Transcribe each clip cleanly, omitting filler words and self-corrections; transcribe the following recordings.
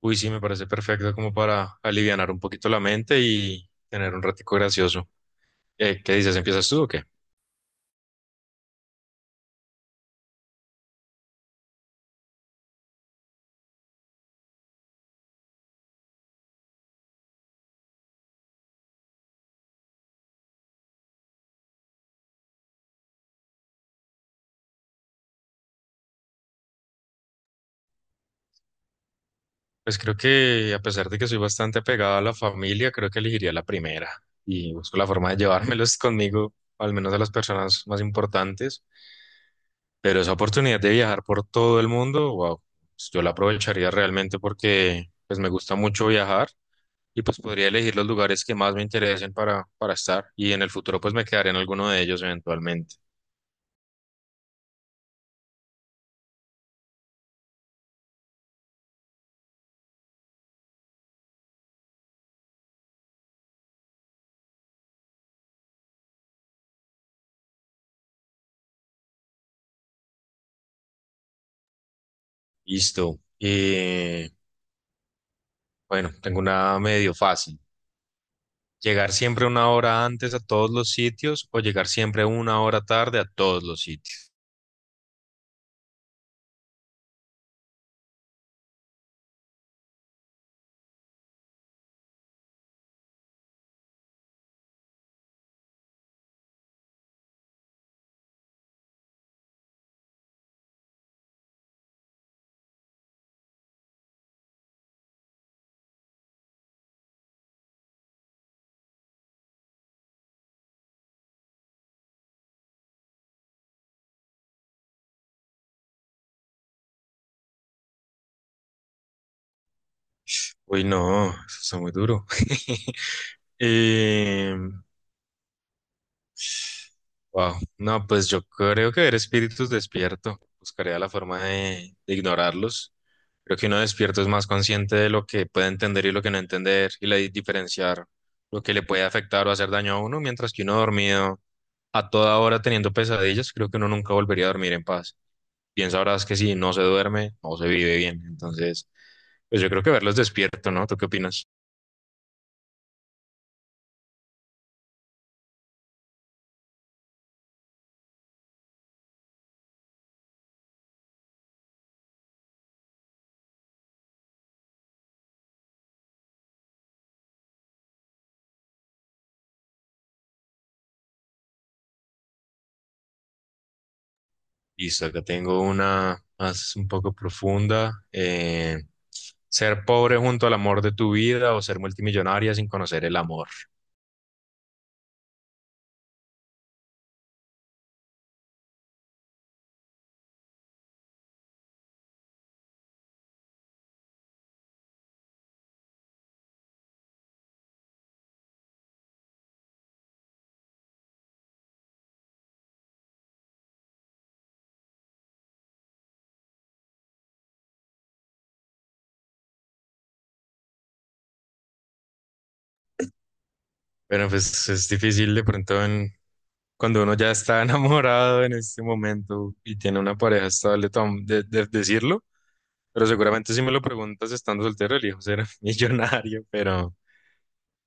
Uy, sí, me parece perfecto como para alivianar un poquito la mente y tener un ratico gracioso. ¿Qué dices? ¿Empiezas tú o qué? Pues creo que a pesar de que soy bastante apegado a la familia, creo que elegiría la primera y busco la forma de llevármelos conmigo, al menos a las personas más importantes. Pero esa oportunidad de viajar por todo el mundo, wow, pues yo la aprovecharía realmente porque pues me gusta mucho viajar y pues podría elegir los lugares que más me interesen para estar y en el futuro pues me quedaré en alguno de ellos eventualmente. Listo. Bueno, tengo una medio fácil. ¿Llegar siempre una hora antes a todos los sitios o llegar siempre una hora tarde a todos los sitios? Uy, no, eso está muy duro. Eh, Wow. No, pues yo creo que ver espíritus despierto. Buscaría la forma de ignorarlos. Creo que uno despierto es más consciente de lo que puede entender y lo que no entender y la diferenciar lo que le puede afectar o hacer daño a uno, mientras que uno dormido a toda hora teniendo pesadillas, creo que uno nunca volvería a dormir en paz. Bien sabrás que si no se duerme, no se vive bien. Entonces, pues yo creo que verlos despierto, ¿no? ¿Tú qué opinas? Listo, acá tengo una más un poco profunda. Ser pobre junto al amor de tu vida o ser multimillonaria sin conocer el amor. Pero pues es difícil de pronto cuando uno ya está enamorado en este momento y tiene una pareja estable decirlo. Pero seguramente si me lo preguntas estando soltero, elijo ser millonario,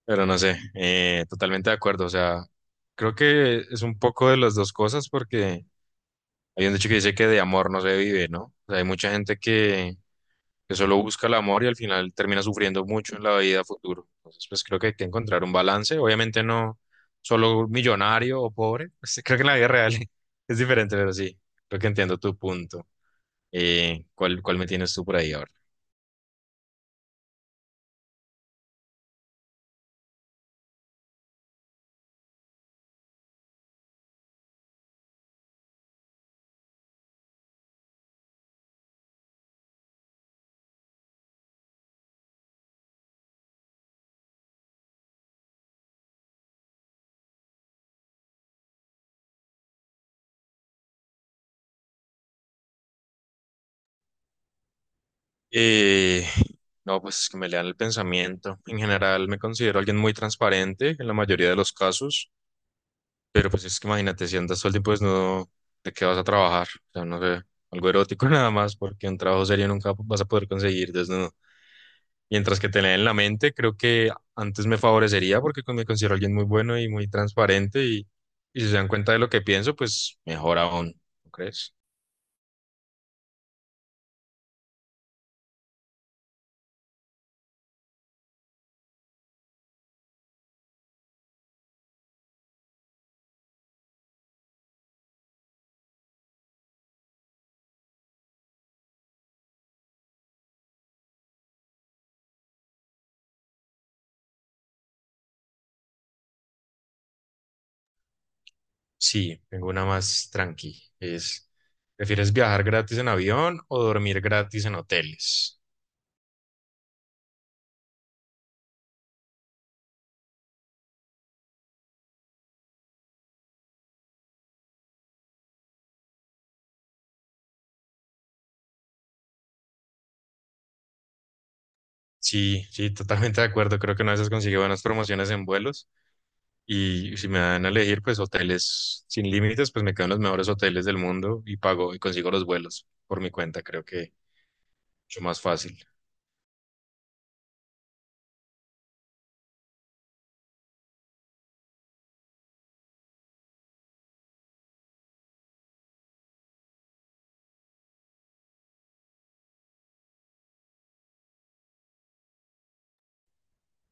pero no sé, totalmente de acuerdo. O sea, creo que es un poco de las dos cosas porque... Hay un dicho que dice que de amor no se vive, ¿no? O sea, hay mucha gente que solo busca el amor y al final termina sufriendo mucho en la vida futuro. Entonces, pues creo que hay que encontrar un balance. Obviamente no solo millonario o pobre. Pues, creo que en la vida real es diferente, pero sí, creo que entiendo tu punto. ¿Cuál me tienes tú por ahí ahora? Eh, no, pues que me lean el pensamiento. En general me considero alguien muy transparente en la mayoría de los casos. Pero pues es que imagínate, si andas todo el tiempo desnudo, ¿de qué vas a trabajar? O sea, no sé, algo erótico nada más, porque un trabajo serio nunca vas a poder conseguir desnudo. Mientras que tener en la mente, creo que antes me favorecería porque me considero alguien muy bueno y muy transparente y si se dan cuenta de lo que pienso, pues mejor aún, ¿no crees? Sí, tengo una más tranqui. Es, ¿prefieres viajar gratis en avión o dormir gratis en hoteles? Sí, sí, totalmente de acuerdo. Creo que una vez consigue buenas promociones en vuelos. Y si me dan a elegir, pues hoteles sin límites, pues me quedo en los mejores hoteles del mundo y pago y consigo los vuelos por mi cuenta. Creo que mucho más fácil.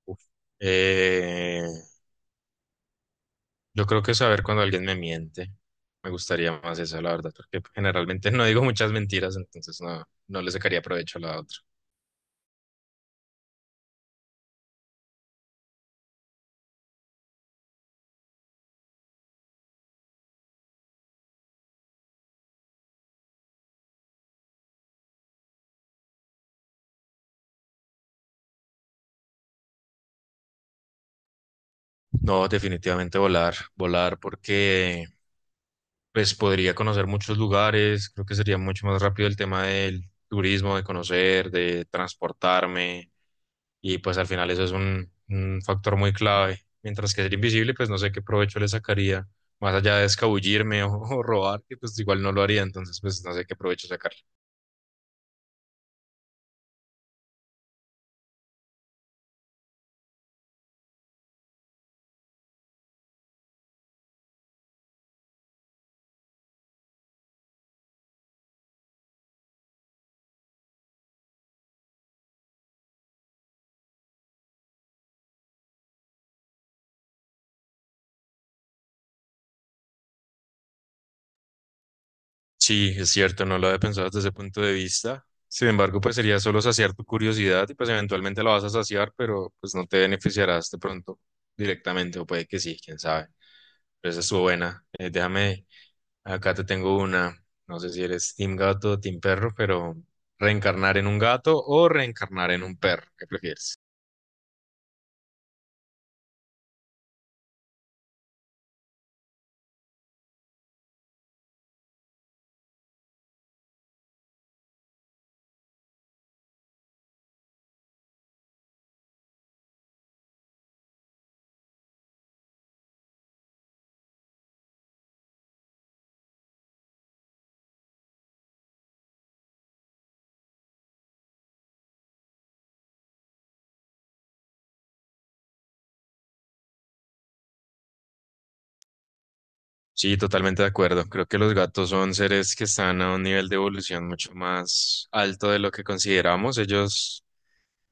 Uf. Eh, yo creo que saber cuando alguien me miente. Me gustaría más esa, la verdad, porque generalmente no digo muchas mentiras, entonces no, no le sacaría provecho a la otra. No, definitivamente volar, volar, porque pues podría conocer muchos lugares, creo que sería mucho más rápido el tema del turismo, de conocer, de transportarme, y pues al final eso es un factor muy clave. Mientras que ser invisible, pues no sé qué provecho le sacaría, más allá de escabullirme o, o robar, que pues igual no lo haría, entonces pues no sé qué provecho sacar. Sí, es cierto, no lo había pensado desde ese punto de vista. Sin embargo, pues sería solo saciar tu curiosidad y pues eventualmente la vas a saciar, pero pues no te beneficiarás de pronto directamente, o puede que sí, quién sabe. Pero esa estuvo buena. Déjame, acá te tengo una, no sé si eres team gato o team perro, pero reencarnar en un gato o reencarnar en un perro, ¿qué prefieres? Sí, totalmente de acuerdo. Creo que los gatos son seres que están a un nivel de evolución mucho más alto de lo que consideramos. Ellos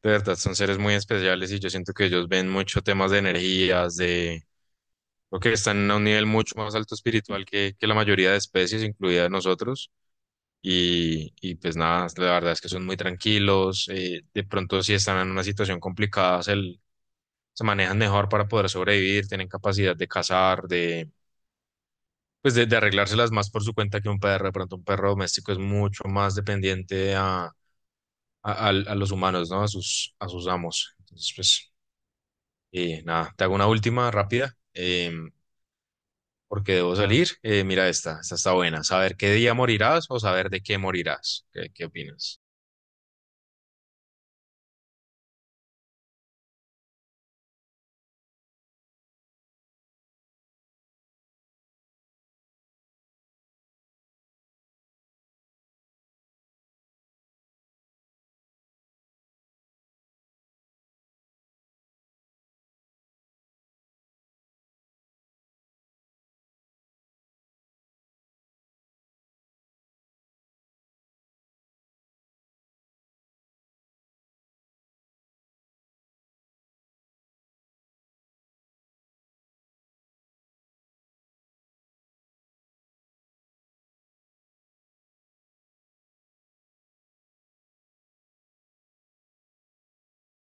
de verdad, son seres muy especiales y yo siento que ellos ven mucho temas de energías, de... Creo que están a un nivel mucho más alto espiritual que la mayoría de especies, incluida nosotros. Y pues nada, la verdad es que son muy tranquilos. De pronto, si están en una situación complicada, se manejan mejor para poder sobrevivir, tienen capacidad de cazar, de, pues de arreglárselas más por su cuenta que un perro. De pronto, un perro doméstico es mucho más dependiente a los humanos, ¿no? A a sus amos. Entonces, pues... Y nada, te hago una última rápida, porque debo salir. Mira esta, esta está buena. Saber qué día morirás o saber de qué morirás. Qué opinas?